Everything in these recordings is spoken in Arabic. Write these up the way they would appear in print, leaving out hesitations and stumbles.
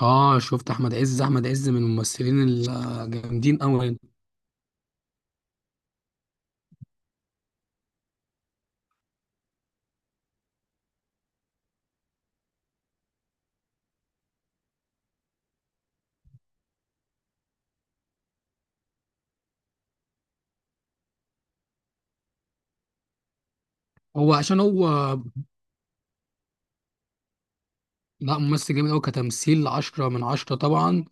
اه، شفت احمد عز. احمد عز من الممثلين الجامدين قوي. هو عشان هو لا، ممثل جامد قوي. كتمثيل عشرة من عشرة طبعا،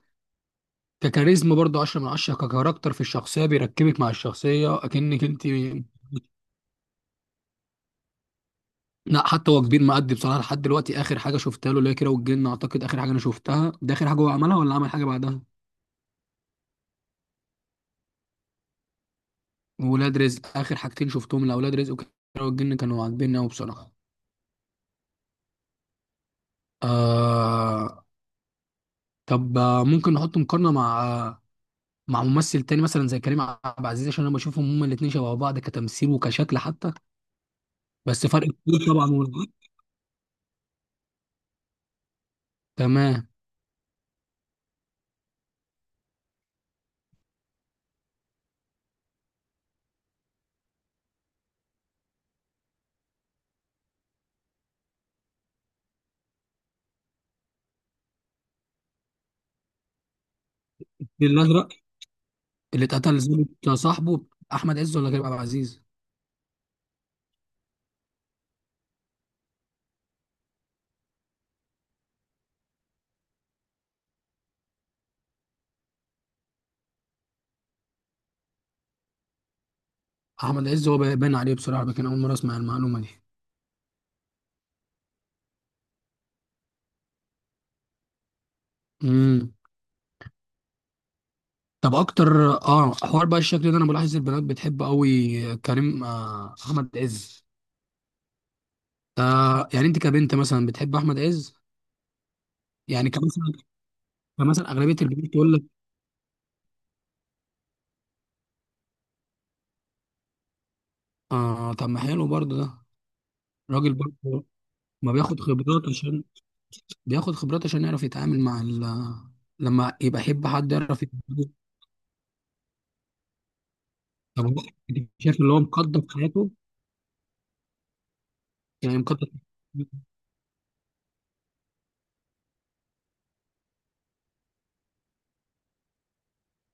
ككاريزما برضه عشرة من عشرة، ككاركتر في الشخصية بيركبك مع الشخصية اكنك انت. لا حتى هو كبير مأدي بصراحة. لحد دلوقتي اخر حاجة شفتها له اللي هي كيرة والجن، اعتقد اخر حاجة انا شفتها، ده اخر حاجة هو عملها ولا عمل حاجة بعدها. وولاد رزق، اخر حاجتين شفتهم لاولاد رزق وكيرة والجن، كانوا عاجبيني قوي بصراحة. آه... طب ممكن نحط مقارنة مع ممثل تاني مثلا زي كريم عبد العزيز، عشان انا بشوفهم هما الاتنين شبه بعض كتمثيل وكشكل حتى. بس فرق كبير طبعا والله. تمام. الفيل الازرق، اللي اتقتل ظابط صاحبه. احمد عز ولا كريم عبد العزيز؟ احمد عز هو باين عليه بصراحه، لكن اول مره اسمع المعلومه دي. امم طب اكتر، اه، حوار بقى، الشكل ده انا بلاحظ البنات بتحب قوي كريم، آه، احمد عز. آه، يعني انت كبنت مثلا بتحب احمد عز؟ يعني كمثلا، كمثلا اغلبيه البنات تقول لك. اه طب ما حلو برضه ده. راجل برضه ما بياخد خبرات عشان، بياخد خبرات عشان يعرف يتعامل مع ال... لما يبقى يحب حد يعرف يتعامل. طب هو شايف اللي هو مقدم في حياته؟ يعني مقدم.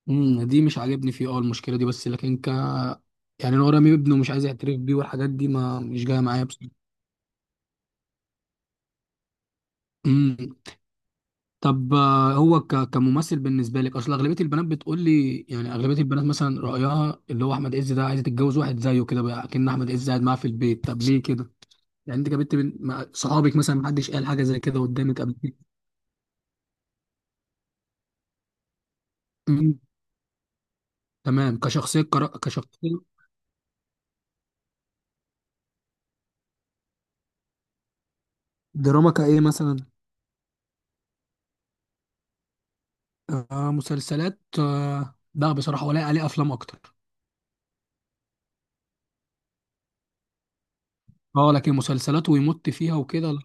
دي مش عاجبني فيه، اه، المشكله دي، بس لكن ك، يعني انا رامي ابنه مش عايز يعترف بيه والحاجات دي ما مش جايه معايا بصراحه. امم طب هو ك... كممثل بالنسبه لك، اصل اغلبيه البنات بتقول لي، يعني اغلبيه البنات مثلا رايها اللي هو احمد عز ده، عايزه تتجوز واحد زيه كده بقى، كأن احمد عز قاعد معاها في البيت. طب ليه كده؟ يعني انت جابت بين مع صحابك مثلا، محدش قال حاجه زي كده قدامك قبل كده؟ مم. تمام. كشخصيه كرا... كشخصيه. دراما كايه مثلا؟ آه مسلسلات، آه لا بصراحه، ولا عليه افلام اكتر. اه لكن مسلسلات ويمط فيها وكده لا.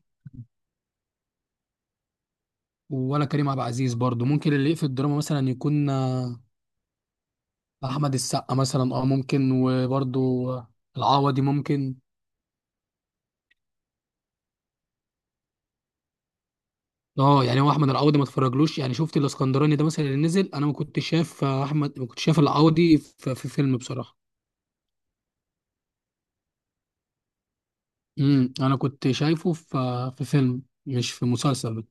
ولا كريم عبد العزيز برضو. ممكن اللي يقفل الدراما مثلا يكون آه، احمد السقا مثلا، اه ممكن. وبرضو العوضي ممكن. اه يعني هو احمد العوضي ما اتفرجلوش. يعني شفت الاسكندراني ده مثلا اللي نزل، انا ما كنتش شايف آه، احمد ما كنتش شايف العوضي في فيلم بصراحه. امم، انا كنت شايفه في فيلم، مش في مسلسل.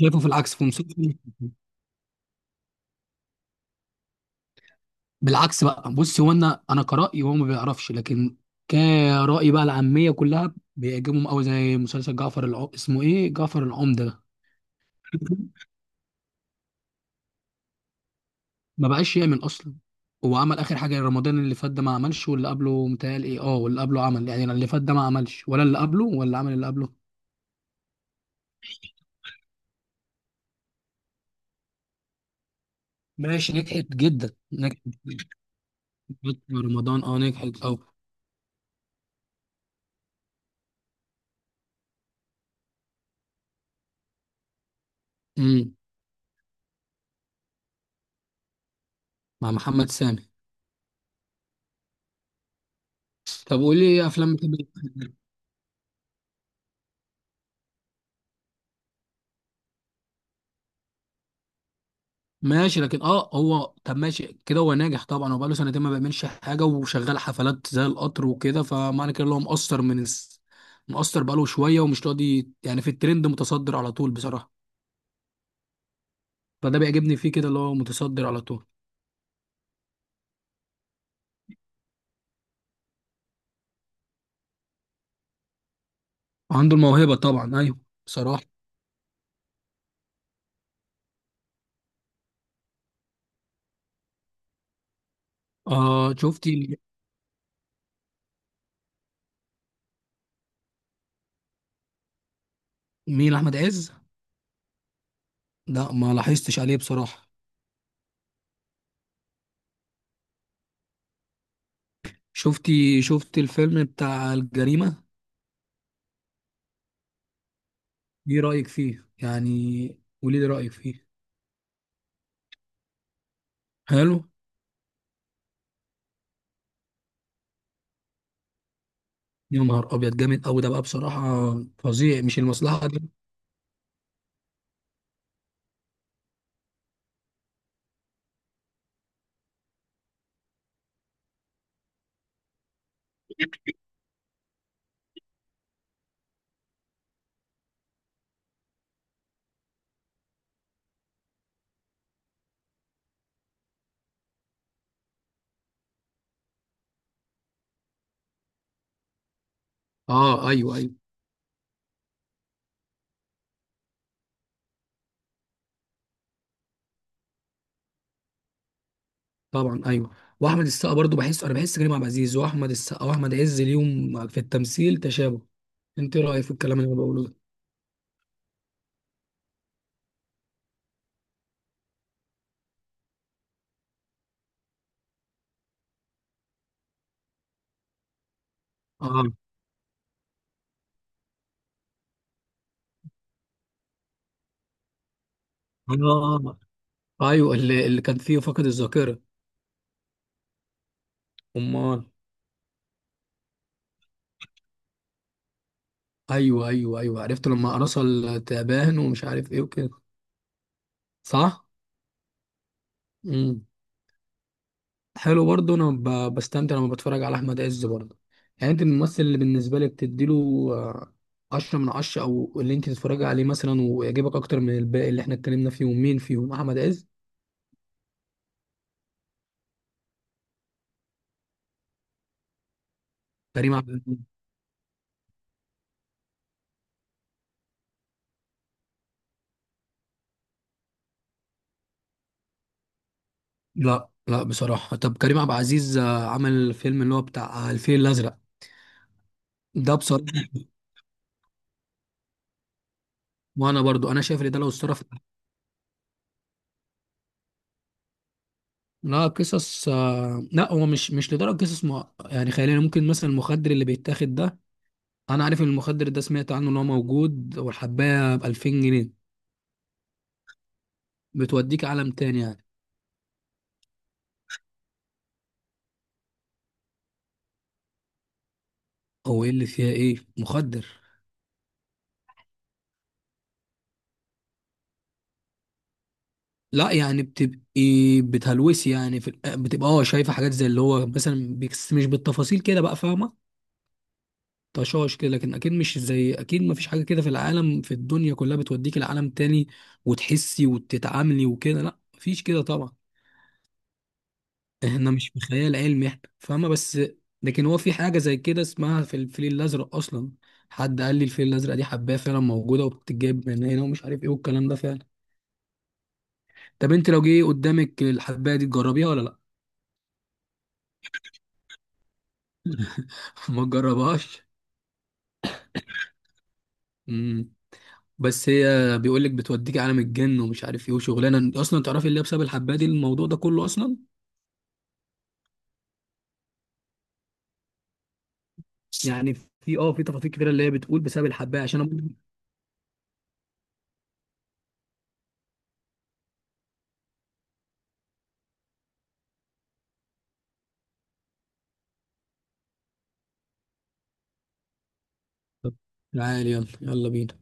شايفه في العكس في مسلسل. بالعكس بقى. بص هو انا كرأيي هو ما بيعرفش، لكن كرأي بقى العامية كلها بيعجبهم قوي زي مسلسل اسمه ايه، جعفر العمدة ده. ما بقاش يعمل اصلا. هو عمل اخر حاجة رمضان اللي فات ده ما عملش، واللي قبله متهيألي ايه، اه واللي قبله عمل. يعني اللي فات ده ما عملش ولا اللي قبله، ولا عمل اللي قبله. ماشي، نجحت جدا، نجحت جداً. رمضان، اه نجحت اه. امم. مع محمد سامي. طب قول لي ايه افلام بتحب تتفرج؟ ماشي، لكن اه هو، طب ماشي كده هو ناجح طبعا. هو بقاله سنتين ما بيعملش حاجه وشغال حفلات زي القطر وكده، فمعنى كده اللي هو مقصر بقاله شويه ومش راضي، يعني في الترند متصدر على طول بصراحه. فده بيعجبني فيه كده، اللي هو متصدر على طول. عنده الموهبه طبعا، ايوه. بصراحه، آه، شفتي؟ مين احمد عز؟ لا ما لاحظتش عليه بصراحه. شفتي، شفت الفيلم بتاع الجريمه؟ ايه رايك فيه؟ يعني قولي لي رايك فيه. حلو. يا نهار ابيض، جامد قوي ده بقى بصراحه، فظيع. مش المصلحه دي؟ اه ايوه ايوه. طبعا ايوه. واحمد السقا برضو، بحس كريم عبد العزيز واحمد السقا واحمد عز اليوم في التمثيل تشابه. انت إيه رايك في الكلام اللي انا بقوله ده؟ اه. اه. آه. ايوه، اللي كان فيه فقد الذاكره. امال. ايوه ايوه ايوه، عرفت. لما رسل تعبان ومش عارف ايه وكده. صح. امم. حلو برضه، انا بستمتع لما بتفرج على احمد عز برضه. يعني انت من الممثل اللي بالنسبه لك تديله آه، عشرة من عشرة، او اللي انت تتفرجي عليه مثلا ويعجبك اكتر من الباقي اللي احنا اتكلمنا فيهم، مين فيهم؟ احمد عز؟ كريم عبد العزيز. لا بصراحه. طب كريم عبد العزيز عمل فيلم اللي هو بتاع الفيل الازرق ده بصراحه. وانا برضو انا شايف ان ده لو صرف. لا، قصص لا، هو مش لدرجه قصص يعني خياليه. ممكن مثلا المخدر اللي بيتاخد ده، انا عارف ان المخدر ده، سمعت عنه ان هو موجود، والحبايه ب 2000 جنيه. بتوديك عالم تاني يعني. هو ايه اللي فيها، ايه مخدر؟ لا يعني بتهلوسي يعني بتبقى اه شايفه حاجات زي اللي هو مثلا بيكس، مش بالتفاصيل كده بقى، فاهمه؟ طشاش كده، لكن اكيد مش زي، اكيد ما فيش حاجه كده في العالم، في الدنيا كلها، بتوديك لعالم تاني وتحسي وتتعاملي وكده، لا مفيش كده طبعا. احنا مش في خيال علمي احنا، فاهمة؟ بس لكن هو في حاجة زي كده اسمها، في الفيل الأزرق أصلا، حد قال لي الفيل الأزرق دي حباية فعلا موجودة وبتتجاب من هنا ومش عارف ايه، والكلام ده فعلا. طب انت لو جه قدامك الحباية دي تجربيها ولا لأ؟ ما تجربهاش. امم. بس هي بيقول لك بتوديك عالم الجن ومش عارف ايه، وشغلانة أصلا تعرفي اللي هي بسبب الحباية دي الموضوع ده كله أصلا. يعني في اه في تفاصيل كتيرة اللي هي بتقول بسبب الحباية، عشان أنا. تعالي، يلا يلا بينا.